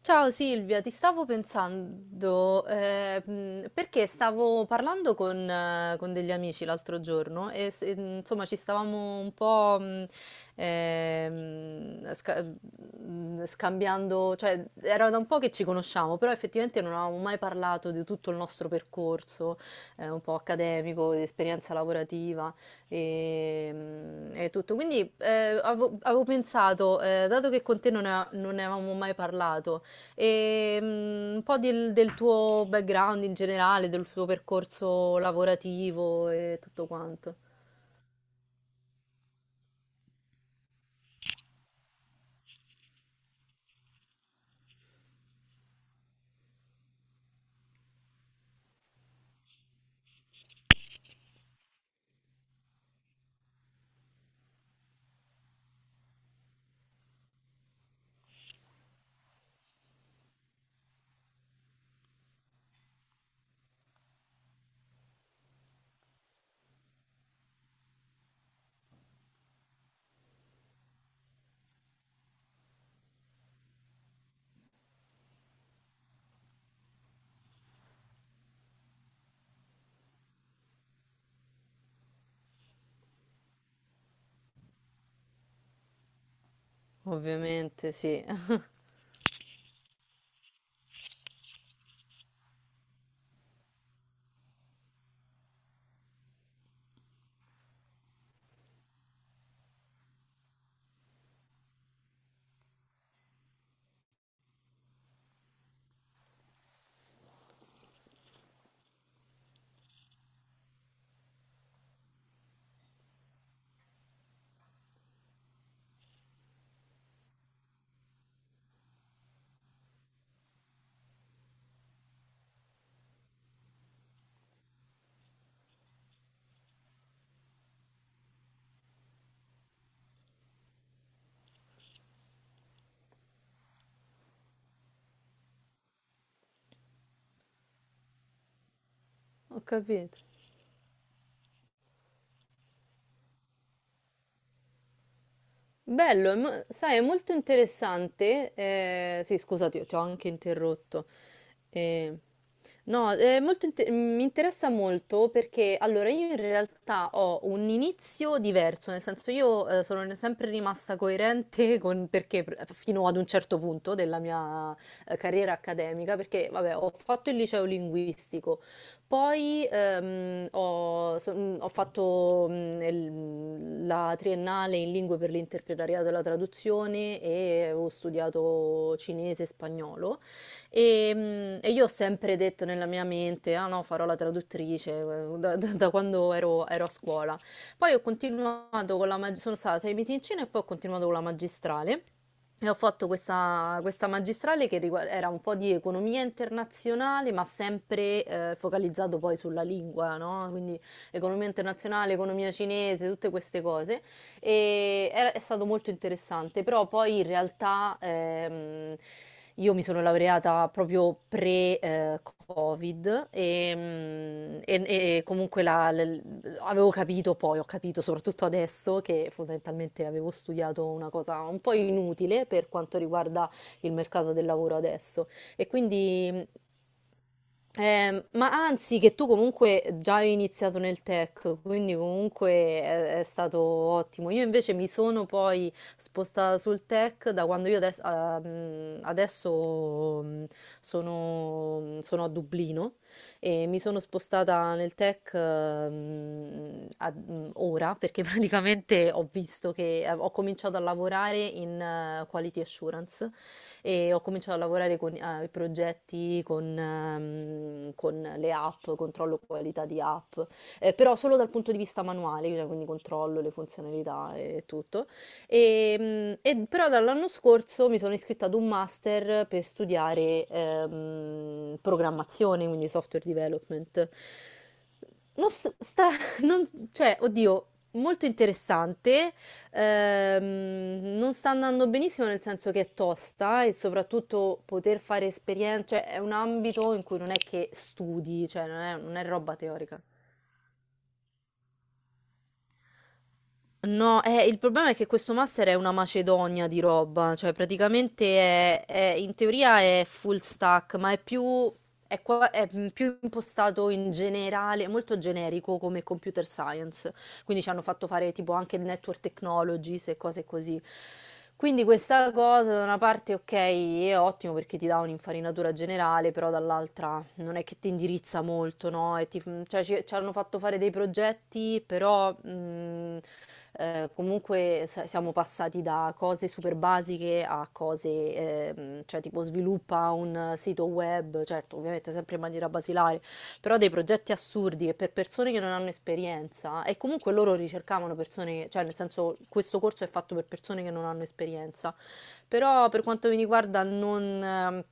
Ciao Silvia, ti stavo pensando, perché stavo parlando con degli amici l'altro giorno e insomma ci stavamo un po' scambiando. Cioè era da un po' che ci conosciamo, però effettivamente non avevamo mai parlato di tutto il nostro percorso, un po' accademico, di esperienza lavorativa e tutto. Quindi avevo pensato, dato che con te non ne avevamo mai parlato, e un po' del tuo background in generale, del tuo percorso lavorativo e tutto quanto. Ovviamente, sì. Ho capito. Bello, sai, è molto interessante. Eh, sì, scusati, ti ho anche interrotto. Eh, no, mi interessa molto, perché allora io in realtà ho un inizio diverso, nel senso io sono sempre rimasta coerente con, perché fino ad un certo punto della mia carriera accademica, perché vabbè, ho fatto il liceo linguistico. Poi ho fatto la triennale in lingue per l'interpretariato e la traduzione e ho studiato cinese e spagnolo e io ho sempre detto nella mia mente, ah no, farò la traduttrice, da quando ero, a scuola. Poi ho continuato con la magistrale, sono stata 6 mesi in Cina e poi ho continuato con la magistrale. E ho fatto questa magistrale era un po' di economia internazionale, ma sempre focalizzato poi sulla lingua, no? Quindi economia internazionale, economia cinese, tutte queste cose. È stato molto interessante, però poi in realtà io mi sono laureata proprio pre-Covid e comunque ho capito soprattutto adesso che fondamentalmente avevo studiato una cosa un po' inutile per quanto riguarda il mercato del lavoro adesso. E quindi, ma anzi, che tu comunque già hai iniziato nel tech, quindi comunque è stato ottimo. Io invece mi sono poi spostata sul tech da quando io adesso sono a Dublino e mi sono spostata nel tech ora, perché praticamente ho visto che, ho cominciato a lavorare in quality assurance e ho cominciato a lavorare con i progetti, con le app, controllo qualità di app, però solo dal punto di vista manuale, cioè, quindi controllo le funzionalità e tutto. E però dall'anno scorso mi sono iscritta ad un master per studiare programmazione, quindi software development. Non s- sta, cioè, oddio, molto interessante. Non sta andando benissimo, nel senso che è tosta e soprattutto poter fare esperienze, cioè è un ambito in cui non è che studi, cioè non è roba teorica. No, il problema è che questo master è una macedonia di roba, cioè praticamente in teoria è full stack, ma è più impostato in generale, molto generico, come computer science. Quindi ci hanno fatto fare tipo anche network technologies e cose così. Quindi questa cosa, da una parte ok è ottimo perché ti dà un'infarinatura generale, però dall'altra non è che ti indirizza molto, no? Cioè, ci hanno fatto fare dei progetti, però, comunque siamo passati da cose super basiche a cose, cioè tipo sviluppa un sito web, certo ovviamente sempre in maniera basilare, però dei progetti assurdi che, per persone che non hanno esperienza e comunque loro ricercavano persone, cioè, nel senso questo corso è fatto per persone che non hanno esperienza, però per quanto mi riguarda non, ehm,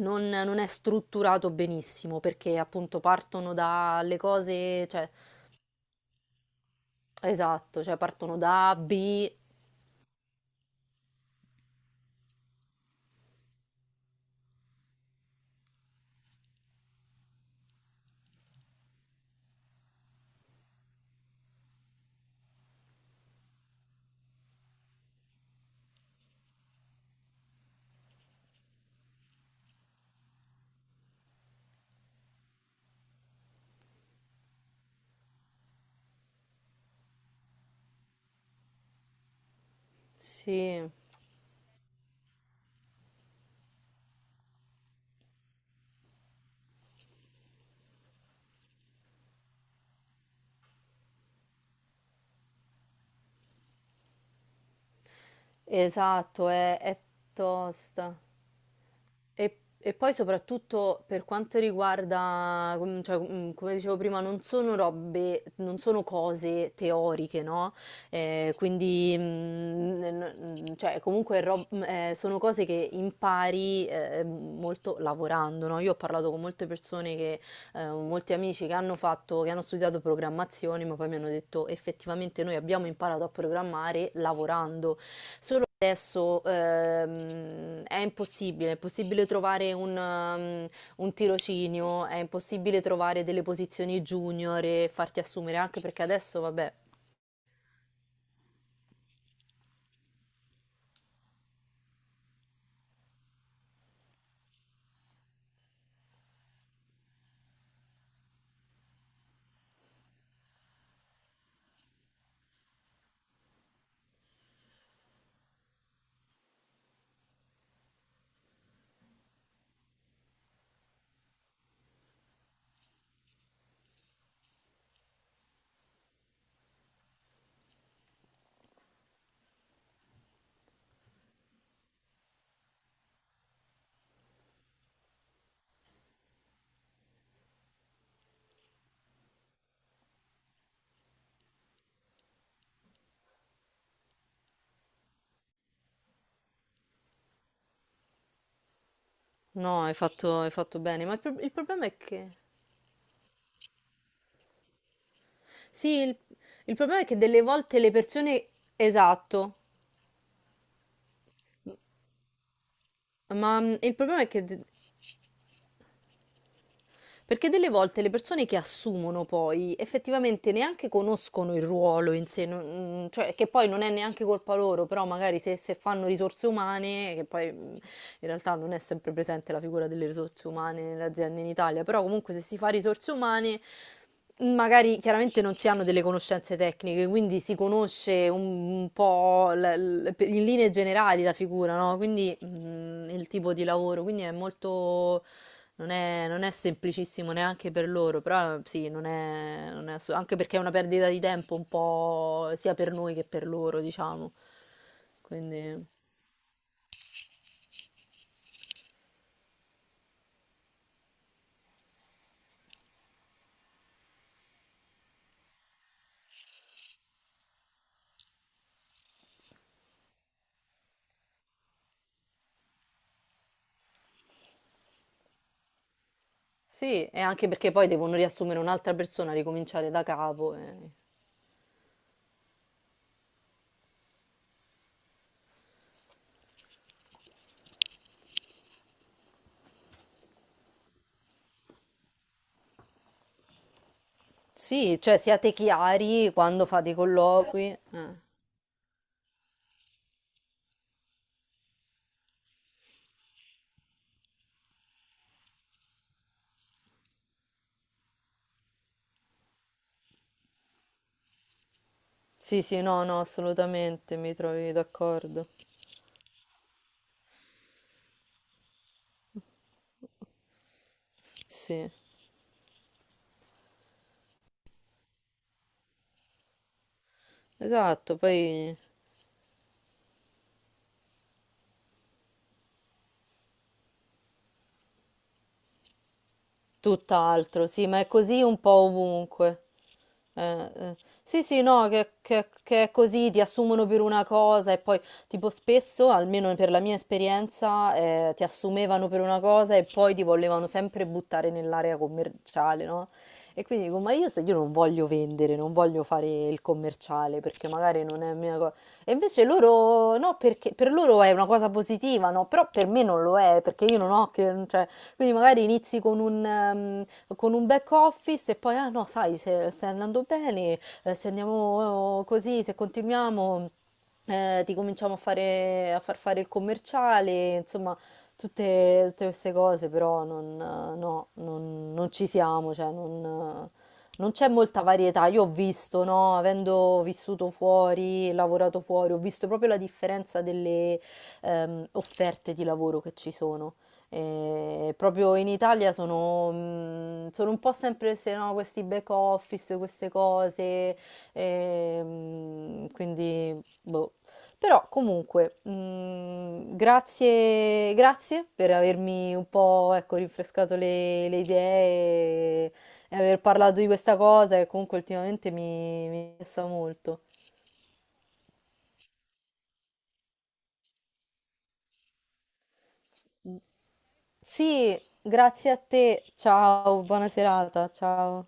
non- non è strutturato benissimo, perché appunto partono dalle cose, cioè esatto, cioè partono da A, B, sì, esatto, è tosta. E, e poi soprattutto per quanto riguarda, come dicevo prima, non sono robe, non sono cose teoriche, no? Quindi, cioè, comunque, sono cose che impari molto lavorando, no? Io ho parlato con molte persone, molti amici che hanno studiato programmazione, ma poi mi hanno detto effettivamente noi abbiamo imparato a programmare lavorando. Adesso, è impossibile trovare un tirocinio, è impossibile trovare delle posizioni junior e farti assumere, anche perché adesso, vabbè. No, hai fatto bene, ma il problema è che. Sì, il problema è che delle volte le persone. Esatto, ma, il problema è che perché delle volte le persone che assumono poi effettivamente neanche conoscono il ruolo in sé, cioè, che poi non è neanche colpa loro, però magari se fanno risorse umane, che poi, in realtà non è sempre presente la figura delle risorse umane nelle aziende in Italia, però comunque se si fa risorse umane magari chiaramente non si hanno delle conoscenze tecniche, quindi si conosce un po' in linee generali la figura, no? Quindi, il tipo di lavoro, quindi è molto, non è semplicissimo neanche per loro, però sì, non è. Anche perché è una perdita di tempo un po' sia per noi che per loro, diciamo. Quindi sì, e anche perché poi devono riassumere un'altra persona, ricominciare da capo. Eh. Sì, cioè siate chiari quando fate i colloqui. Eh. Sì, sì, no, no, assolutamente, mi trovi d'accordo. Sì, esatto, poi. Tutt'altro, sì, ma è così un po' ovunque. Eh. Sì, sì, no, che è così, ti assumono per una cosa e poi, tipo, spesso, almeno per la mia esperienza, ti assumevano per una cosa e poi ti volevano sempre buttare nell'area commerciale, no? E quindi dico, ma io, se io non voglio vendere, non voglio fare il commerciale perché magari non è mia cosa. E invece loro, no, perché per loro è una cosa positiva, no? Però per me non lo è, perché io non ho che, cioè, quindi magari inizi con un back office, e poi, ah no, sai, se stai andando bene, se andiamo, così, se continuiamo, ti cominciamo a fare, a far fare il commerciale, insomma, tutte queste cose, però non, no, non ci siamo, cioè non. Non c'è molta varietà, io ho visto, no? Avendo vissuto fuori, lavorato fuori, ho visto proprio la differenza delle, offerte di lavoro che ci sono. E proprio in Italia sono, sono un po' sempre, se no, questi back office, queste cose, e, quindi boh. Però comunque, grazie, grazie per avermi un po', ecco, rinfrescato le idee e aver parlato di questa cosa che comunque ultimamente mi interessa molto. Sì, grazie a te, ciao, buona serata, ciao.